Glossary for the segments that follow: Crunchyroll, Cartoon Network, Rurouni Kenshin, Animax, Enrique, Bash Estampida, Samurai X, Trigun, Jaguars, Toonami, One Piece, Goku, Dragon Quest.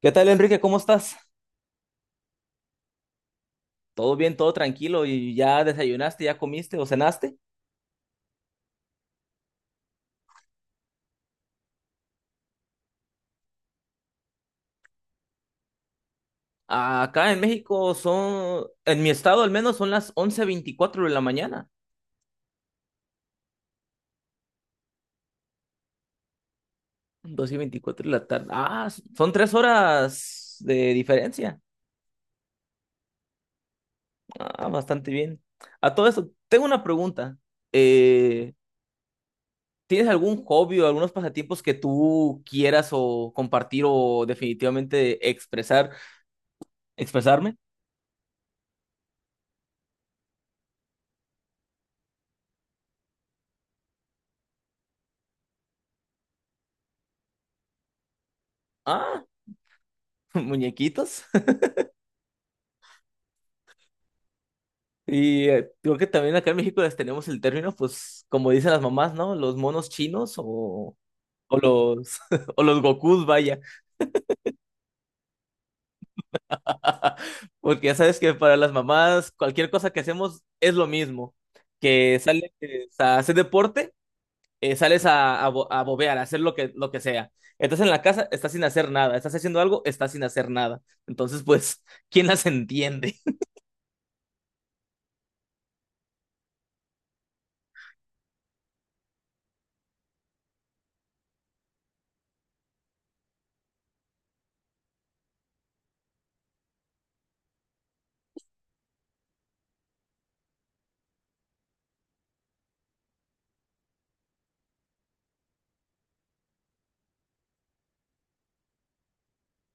¿Qué tal, Enrique? ¿Cómo estás? ¿Todo bien, todo tranquilo? ¿Y ya desayunaste, ya comiste o cenaste? Acá en México son, en mi estado al menos, son las 11:24 de la mañana. 12:24 de la tarde. Ah, son 3 horas de diferencia. Ah, bastante bien. A todo esto, tengo una pregunta. Eh, ¿tienes algún hobby o algunos pasatiempos que tú quieras o compartir o definitivamente expresarme? Ah, muñequitos. Y creo que también acá en México las tenemos el término, pues, como dicen las mamás, ¿no? Los monos chinos o los o los Gokus, vaya. Porque ya sabes que para las mamás cualquier cosa que hacemos es lo mismo. Que sales a hacer deporte, sales a bobear, a hacer lo que sea. Estás en la casa, estás sin hacer nada. Estás haciendo algo, estás sin hacer nada. Entonces, pues, ¿quién las entiende?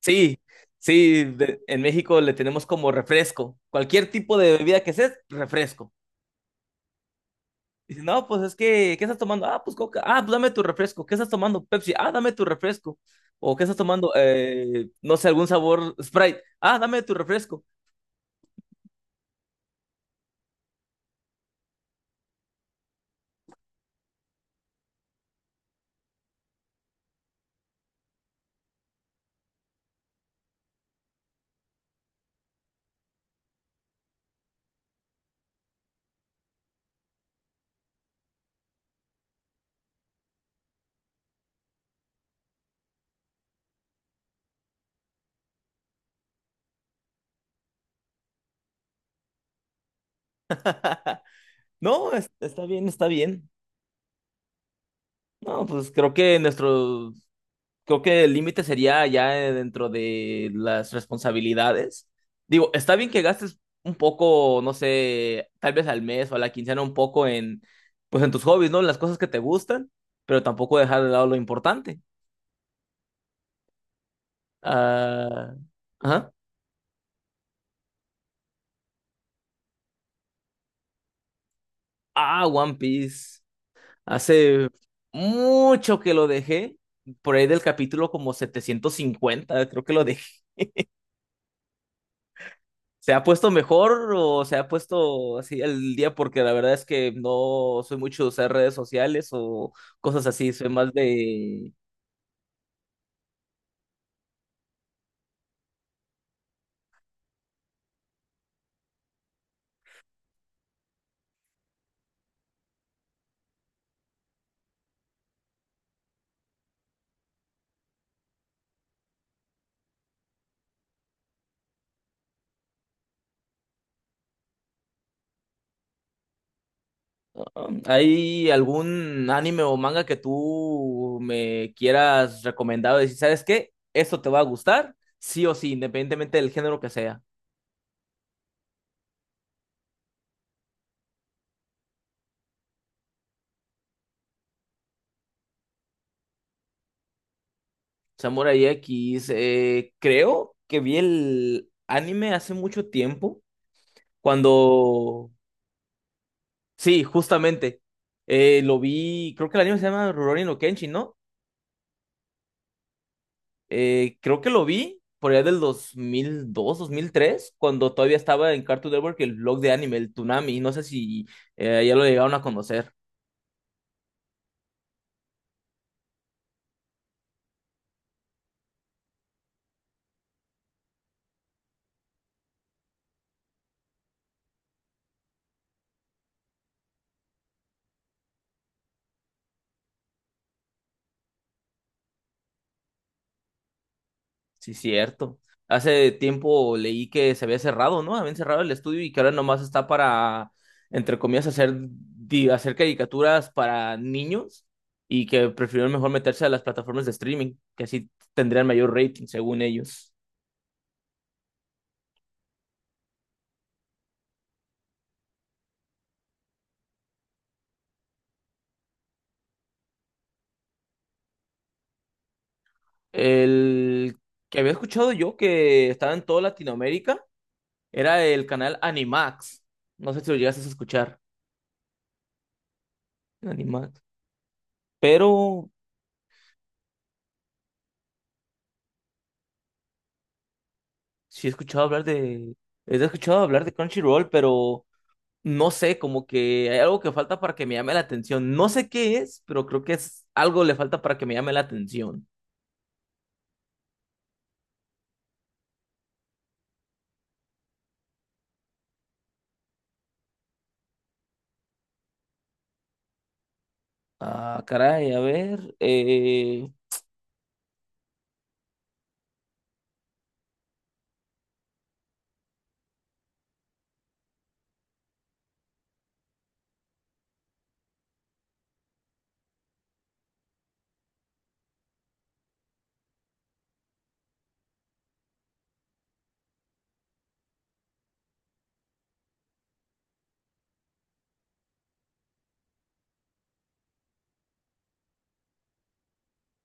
Sí, sí, en México le tenemos como refresco. Cualquier tipo de bebida que seas, refresco. Dice, no, pues es que, ¿qué estás tomando? Ah, pues Coca. Ah, pues dame tu refresco. ¿Qué estás tomando? Pepsi. Ah, dame tu refresco. O ¿qué estás tomando? No sé, algún sabor Sprite. Ah, dame tu refresco. No, está bien, está bien. No, pues creo que nuestro. Creo que el límite sería ya dentro de las responsabilidades. Digo, está bien que gastes un poco, no sé, tal vez al mes o a la quincena un poco en, pues en tus hobbies, ¿no? En las cosas que te gustan, pero tampoco dejar de lado lo importante. Ah, ajá. Ah, One Piece. Hace mucho que lo dejé, por ahí del capítulo como 750, creo que lo dejé. ¿Se ha puesto mejor o se ha puesto así al día? Porque la verdad es que no soy mucho de usar redes sociales o cosas así. Soy más de. ¿Hay algún anime o manga que tú me quieras recomendar? O decir, ¿sabes qué? Esto te va a gustar, sí o sí, independientemente del género que sea. Samurai X, creo que vi el anime hace mucho tiempo, cuando. Sí, justamente. Lo vi, creo que el anime se llama Rurouni no Kenshin, ¿no? Creo que lo vi por allá del 2002, dos mil tres, cuando todavía estaba en Cartoon Network el blog de anime, el Toonami. No sé si ya lo llegaron a conocer. Sí, cierto. Hace tiempo leí que se había cerrado, ¿no? Habían cerrado el estudio y que ahora nomás está para, entre comillas, hacer, hacer caricaturas para niños y que prefirieron mejor meterse a las plataformas de streaming, que así tendrían mayor rating, según ellos. El que había escuchado yo que estaba en toda Latinoamérica era el canal Animax. No sé si lo llegaste a escuchar, Animax. Pero sí he escuchado hablar de. He escuchado hablar de Crunchyroll, pero no sé, como que hay algo que falta para que me llame la atención. No sé qué es, pero creo que es algo le falta para que me llame la atención. Ah, caray, a ver.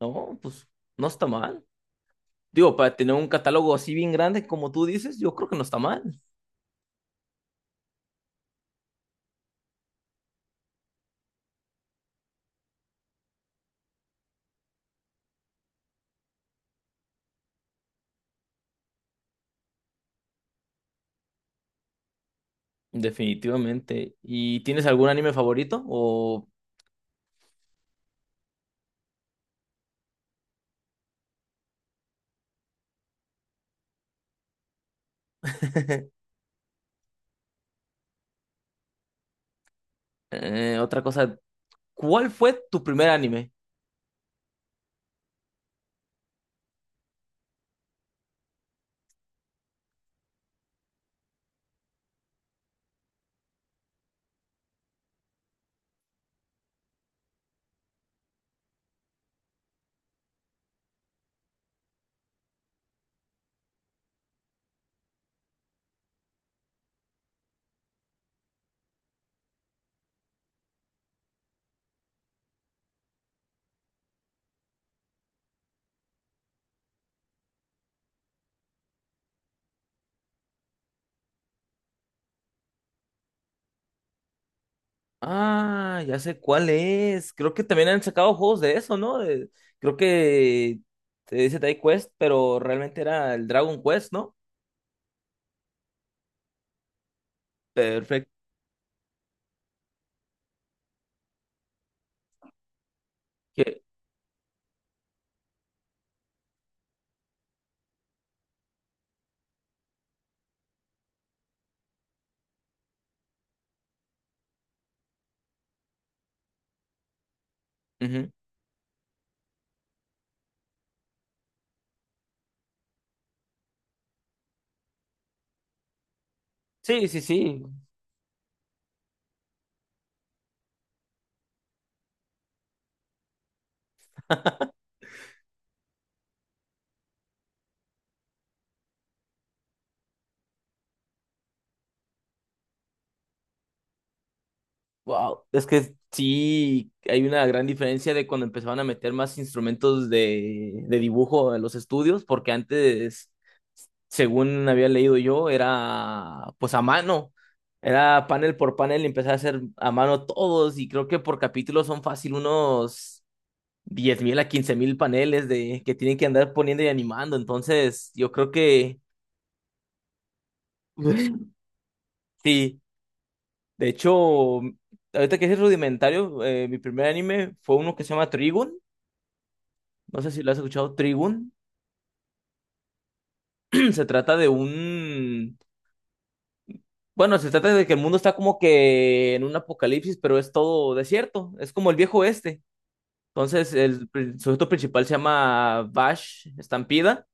No, pues no está mal. Digo, para tener un catálogo así bien grande como tú dices, yo creo que no está mal. Definitivamente. ¿Y tienes algún anime favorito? O otra cosa, ¿cuál fue tu primer anime? Ah, ya sé cuál es. Creo que también han sacado juegos de eso, ¿no? Creo que te dice Tai Quest, pero realmente era el Dragon Quest, ¿no? Perfecto. Que- ujú. Sí, sí, sí. Wow. Es que sí, hay una gran diferencia de cuando empezaban a meter más instrumentos de dibujo en los estudios, porque antes, según había leído yo, era pues a mano. Era panel por panel y empecé a hacer a mano todos y creo que por capítulo son fácil unos 10,000 a 15,000 paneles de que tienen que andar poniendo y animando. Entonces, yo creo que sí. De hecho, ahorita que es rudimentario, mi primer anime fue uno que se llama Trigun. No sé si lo has escuchado, Trigun. Se trata de un. Bueno, se trata de que el mundo está como que en un apocalipsis, pero es todo desierto. Es como el viejo oeste. Entonces, sujeto principal se llama Bash Estampida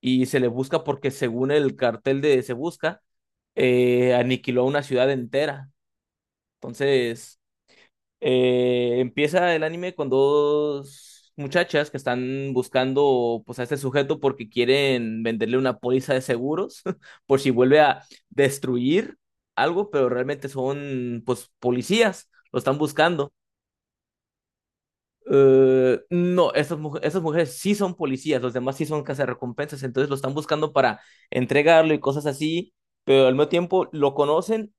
y se le busca porque, según el cartel de Se Busca, aniquiló una ciudad entera. Entonces, empieza el anime con dos muchachas que están buscando pues a este sujeto porque quieren venderle una póliza de seguros por si vuelve a destruir algo, pero realmente son pues policías, lo están buscando. No, estas, estas mujeres sí son policías, los demás sí son cazarrecompensas, entonces lo están buscando para entregarlo y cosas así, pero al mismo tiempo lo conocen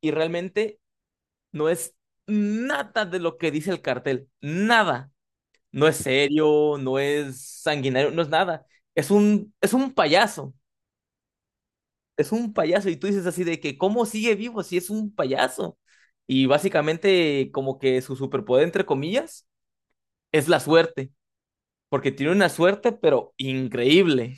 y realmente no es nada de lo que dice el cartel, nada. No es serio, no es sanguinario, no es nada. Es un payaso, es un payaso. Y tú dices así de que, ¿cómo sigue vivo si es un payaso? Y básicamente como que su superpoder, entre comillas, es la suerte, porque tiene una suerte, pero increíble.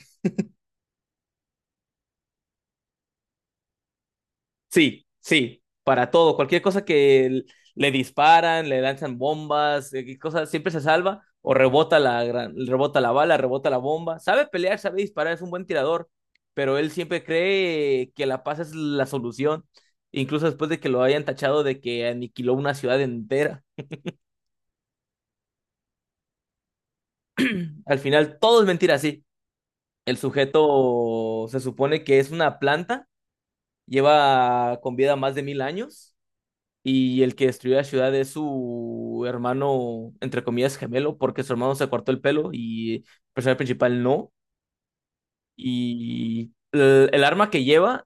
Sí, sí, para todo, cualquier cosa que le disparan, le lanzan bombas, cosas, siempre se salva o rebota rebota la bala, rebota la bomba. Sabe pelear, sabe disparar, es un buen tirador, pero él siempre cree que la paz es la solución, incluso después de que lo hayan tachado de que aniquiló una ciudad entera. Al final todo es mentira, sí. El sujeto se supone que es una planta, lleva con vida más de 1,000 años. Y el que destruyó la ciudad es su hermano, entre comillas, gemelo, porque su hermano se cortó el pelo y el personaje principal no. Y el arma que lleva,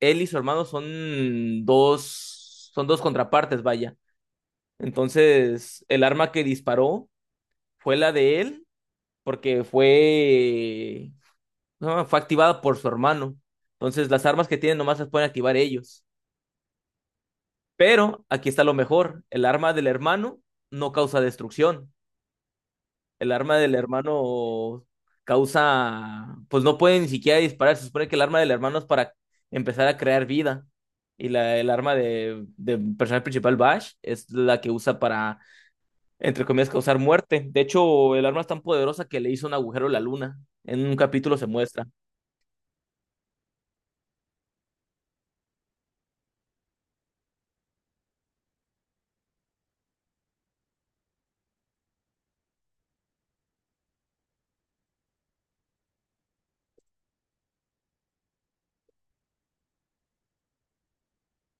él y su hermano son dos, contrapartes, vaya. Entonces, el arma que disparó fue la de él, porque fue, no, fue activada por su hermano. Entonces, las armas que tienen nomás las pueden activar ellos. Pero aquí está lo mejor, el arma del hermano no causa destrucción. El arma del hermano causa, pues no puede ni siquiera disparar. Se supone que el arma del hermano es para empezar a crear vida. Y el arma de personaje principal, Bash, es la que usa para, entre comillas, causar muerte. De hecho, el arma es tan poderosa que le hizo un agujero a la luna. En un capítulo se muestra.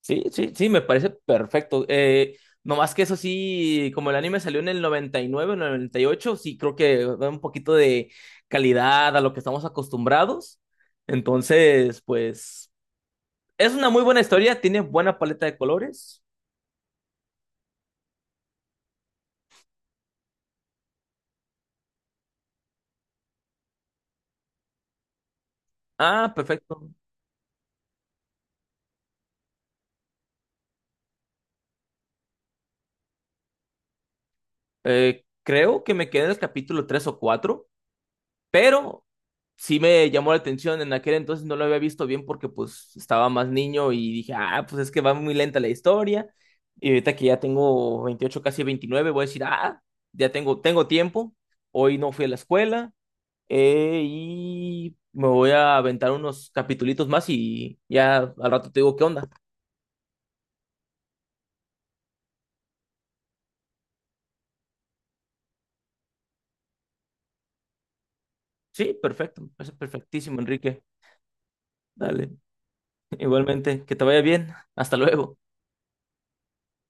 Sí, sí, sí, me parece perfecto. No más que eso sí, como el anime salió en el 99, en el 98, sí creo que da un poquito de calidad a lo que estamos acostumbrados. Entonces, pues, es una muy buena historia, tiene buena paleta de colores. Ah, perfecto. Creo que me quedé en el capítulo 3 o 4. Pero sí me llamó la atención, en aquel entonces no lo había visto bien porque pues estaba más niño y dije, ah, pues es que va muy lenta la historia. Y ahorita que ya tengo 28, casi 29, voy a decir, ah, ya tengo, tiempo, hoy no fui a la escuela y me voy a aventar unos capitulitos más y ya al rato te digo qué onda. Sí, perfecto, me parece perfectísimo, Enrique. Dale, igualmente, que te vaya bien, hasta luego.